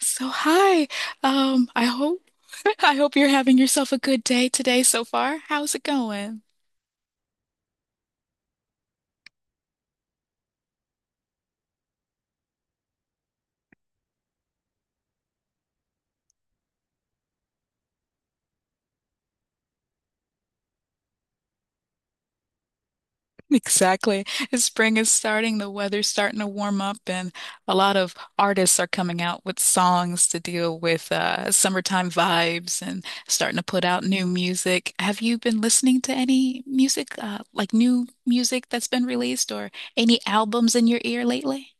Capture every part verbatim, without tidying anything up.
So hi. Um, I hope I hope you're having yourself a good day today so far. How's it going? Exactly. Spring is starting, the weather's starting to warm up, and a lot of artists are coming out with songs to deal with uh, summertime vibes and starting to put out new music. Have you been listening to any music, uh, like new music that's been released or any albums in your ear lately?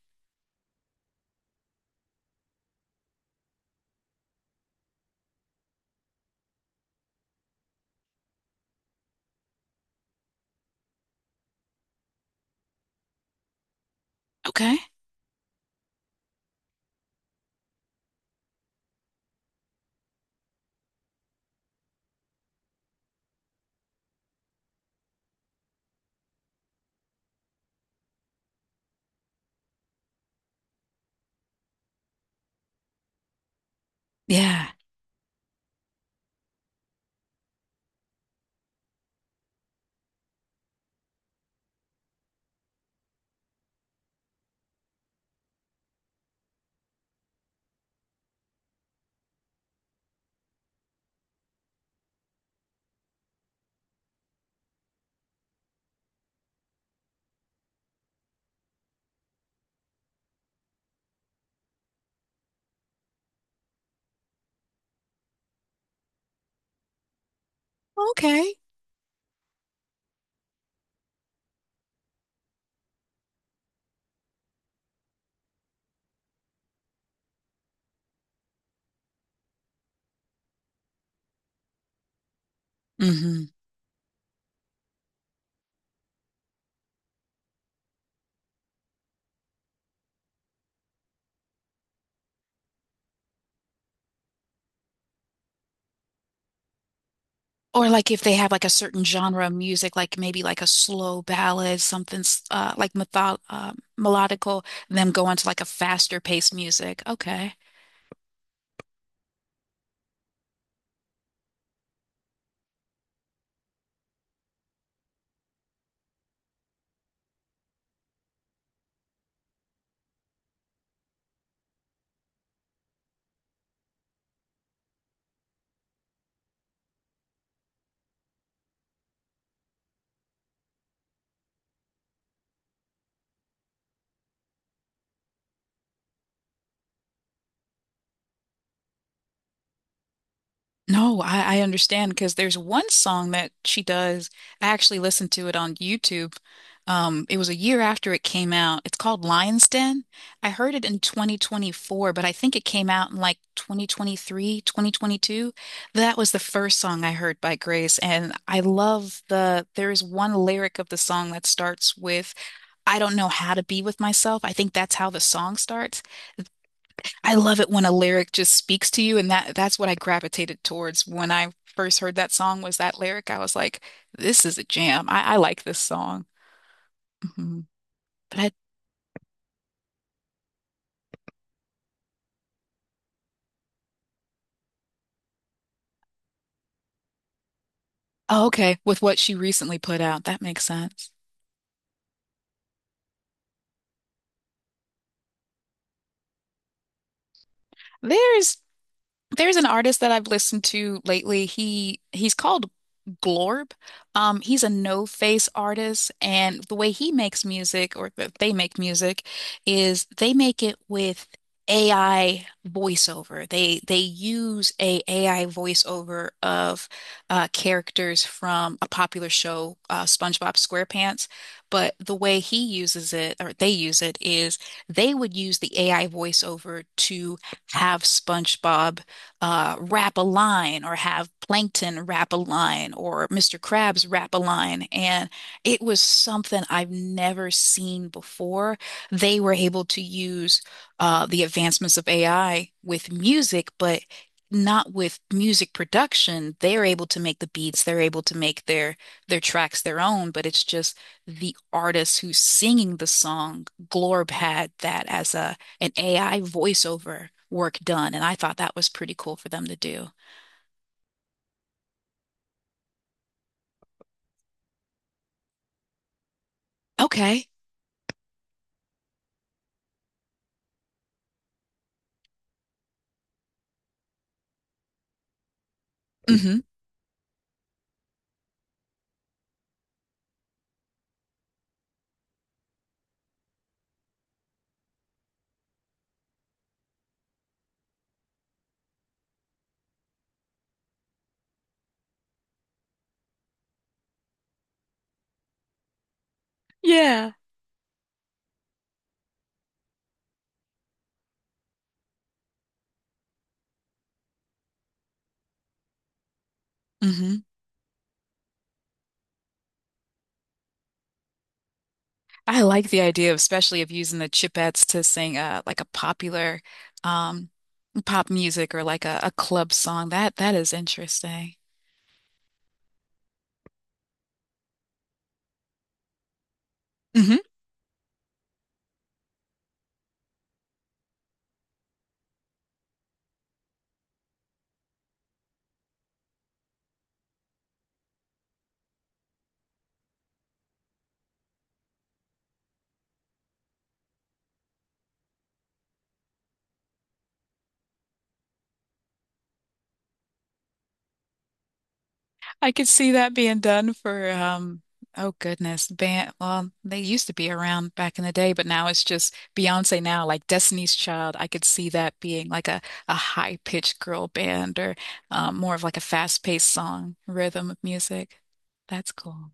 Okay. Yeah. Okay. Or like if they have like a certain genre of music, like maybe like a slow ballad, something s- uh, like method uh, melodical, and then go on to like a faster paced music. Okay. No, I, I understand because there's one song that she does. I actually listened to it on YouTube. Um, it was a year after it came out. It's called Lion's Den. I heard it in twenty twenty-four, but I think it came out in like twenty twenty-three, twenty twenty-two. That was the first song I heard by Grace, and I love the there is one lyric of the song that starts with, I don't know how to be with myself. I think that's how the song starts. I love it when a lyric just speaks to you, and that that's what I gravitated towards when I first heard that song was that lyric. I was like, this is a jam. I, I like this song. hmm But I, oh, okay, with what she recently put out, that makes sense. There's There's an artist that I've listened to lately. He he's called Glorb. Um, he's a no-face artist, and the way he makes music, or that they make music, is they make it with A I voiceover. They they use a AI voiceover of uh, characters from a popular show, uh, SpongeBob SquarePants. But the way he uses it, or they use it, is they would use the A I voiceover to have SpongeBob uh, wrap a line or have plankton wrap a line or Mister Krabs wrap a line. And it was something I've never seen before. They were able to use uh, the advancements of A I with music, but not with music production. They're able to make the beats, they're able to make their their tracks their own, but it's just the artist who's singing the song. Glorb had that as a an A I voiceover work done, and I thought that was pretty cool for them to do. Okay. hmm Yeah. hmm I like the idea of especially of using the Chipettes to sing uh like a popular um pop music or like a, a club song. That that is interesting. Mhm. I could see that being done for um oh goodness, band well, they used to be around back in the day, but now it's just Beyonce now, like Destiny's Child. I could see that being like a, a high-pitched girl band or um, more of like a fast-paced song, rhythm of music. That's cool.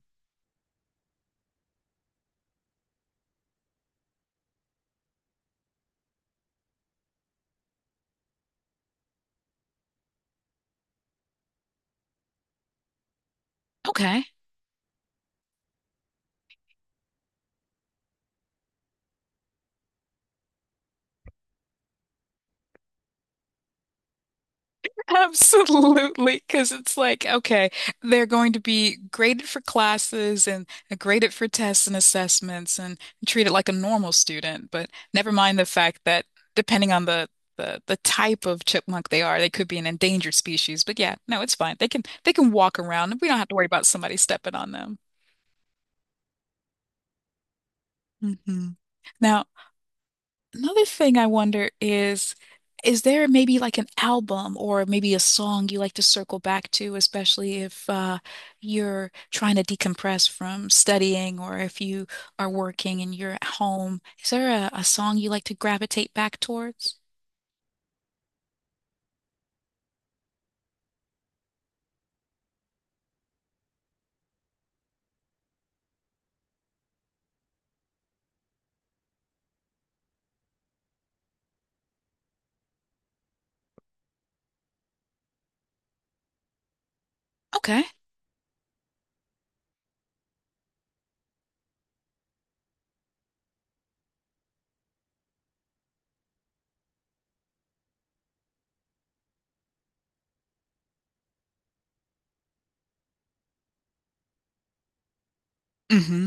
Okay. Absolutely, because it's like, okay, they're going to be graded for classes and uh, graded for tests and assessments and treated like a normal student. But never mind the fact that depending on the, the the type of chipmunk they are, they could be an endangered species. But yeah, no, it's fine. They can they can walk around. We don't have to worry about somebody stepping on them. hmm Now, another thing I wonder is, is there maybe like an album or maybe a song you like to circle back to, especially if uh, you're trying to decompress from studying or if you are working and you're at home? Is there a, a song you like to gravitate back towards? Okay. Mm-hmm.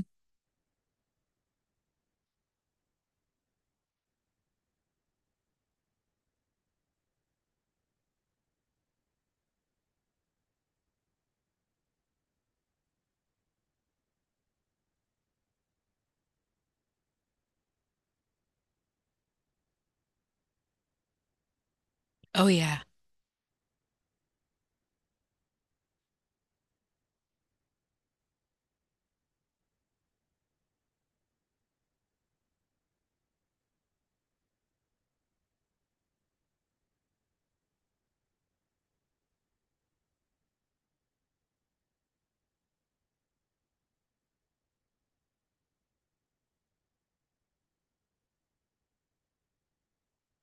Oh yeah.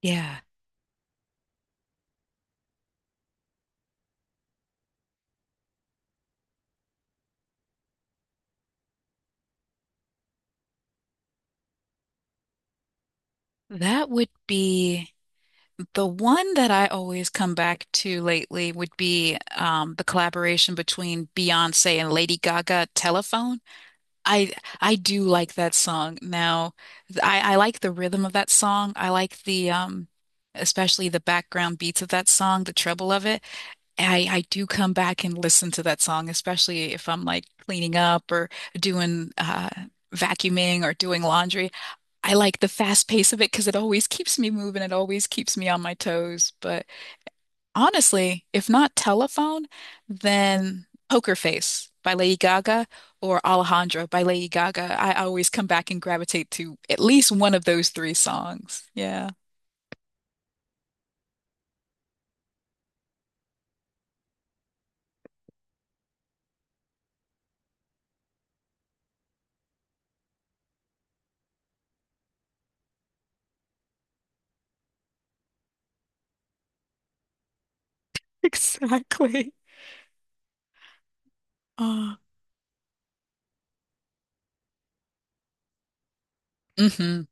Yeah. That would be the one that I always come back to lately would be um, the collaboration between Beyonce and Lady Gaga, Telephone. I I do like that song. Now, th- I I like the rhythm of that song. I like the um especially the background beats of that song, the treble of it. I I do come back and listen to that song, especially if I'm like cleaning up or doing uh vacuuming or doing laundry. I like the fast pace of it because it always keeps me moving. It always keeps me on my toes. But honestly, if not Telephone, then Poker Face by Lady Gaga or Alejandro by Lady Gaga. I always come back and gravitate to at least one of those three songs. Yeah. Exactly. Oh, hmm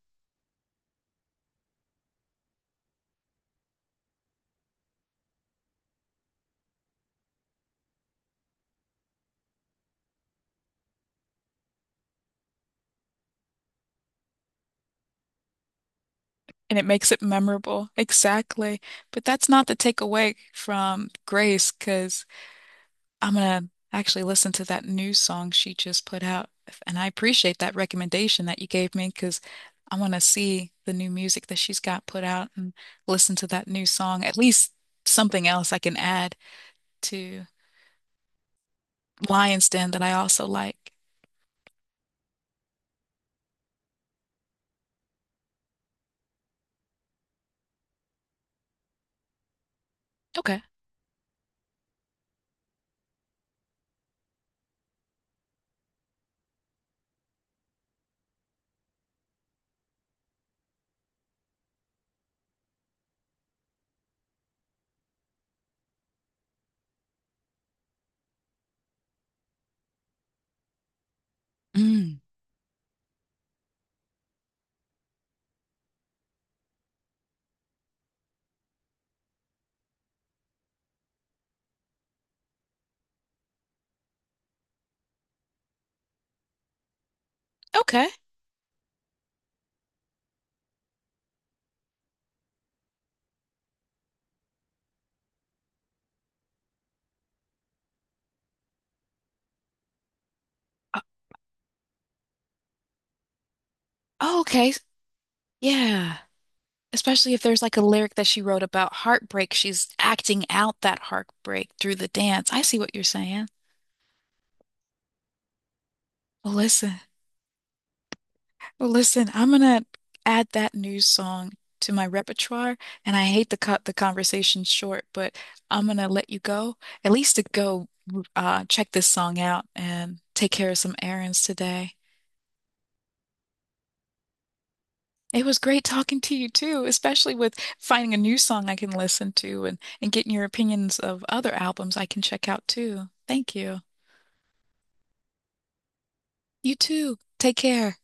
and it makes it memorable. Exactly. But that's not the takeaway from Grace, because I'm gonna actually listen to that new song she just put out. And I appreciate that recommendation that you gave me because I want to see the new music that she's got put out and listen to that new song. At least something else I can add to Lion's Den that I also like. Okay. Mm. Okay. Uh, oh, okay. Yeah. Especially if there's like a lyric that she wrote about heartbreak, she's acting out that heartbreak through the dance. I see what you're saying. Well, listen. Well, listen, I'm gonna add that new song to my repertoire, and I hate to cut the conversation short, but I'm gonna let you go, at least to go uh, check this song out and take care of some errands today. It was great talking to you too, especially with finding a new song I can listen to and, and getting your opinions of other albums I can check out too. Thank you. You too. Take care.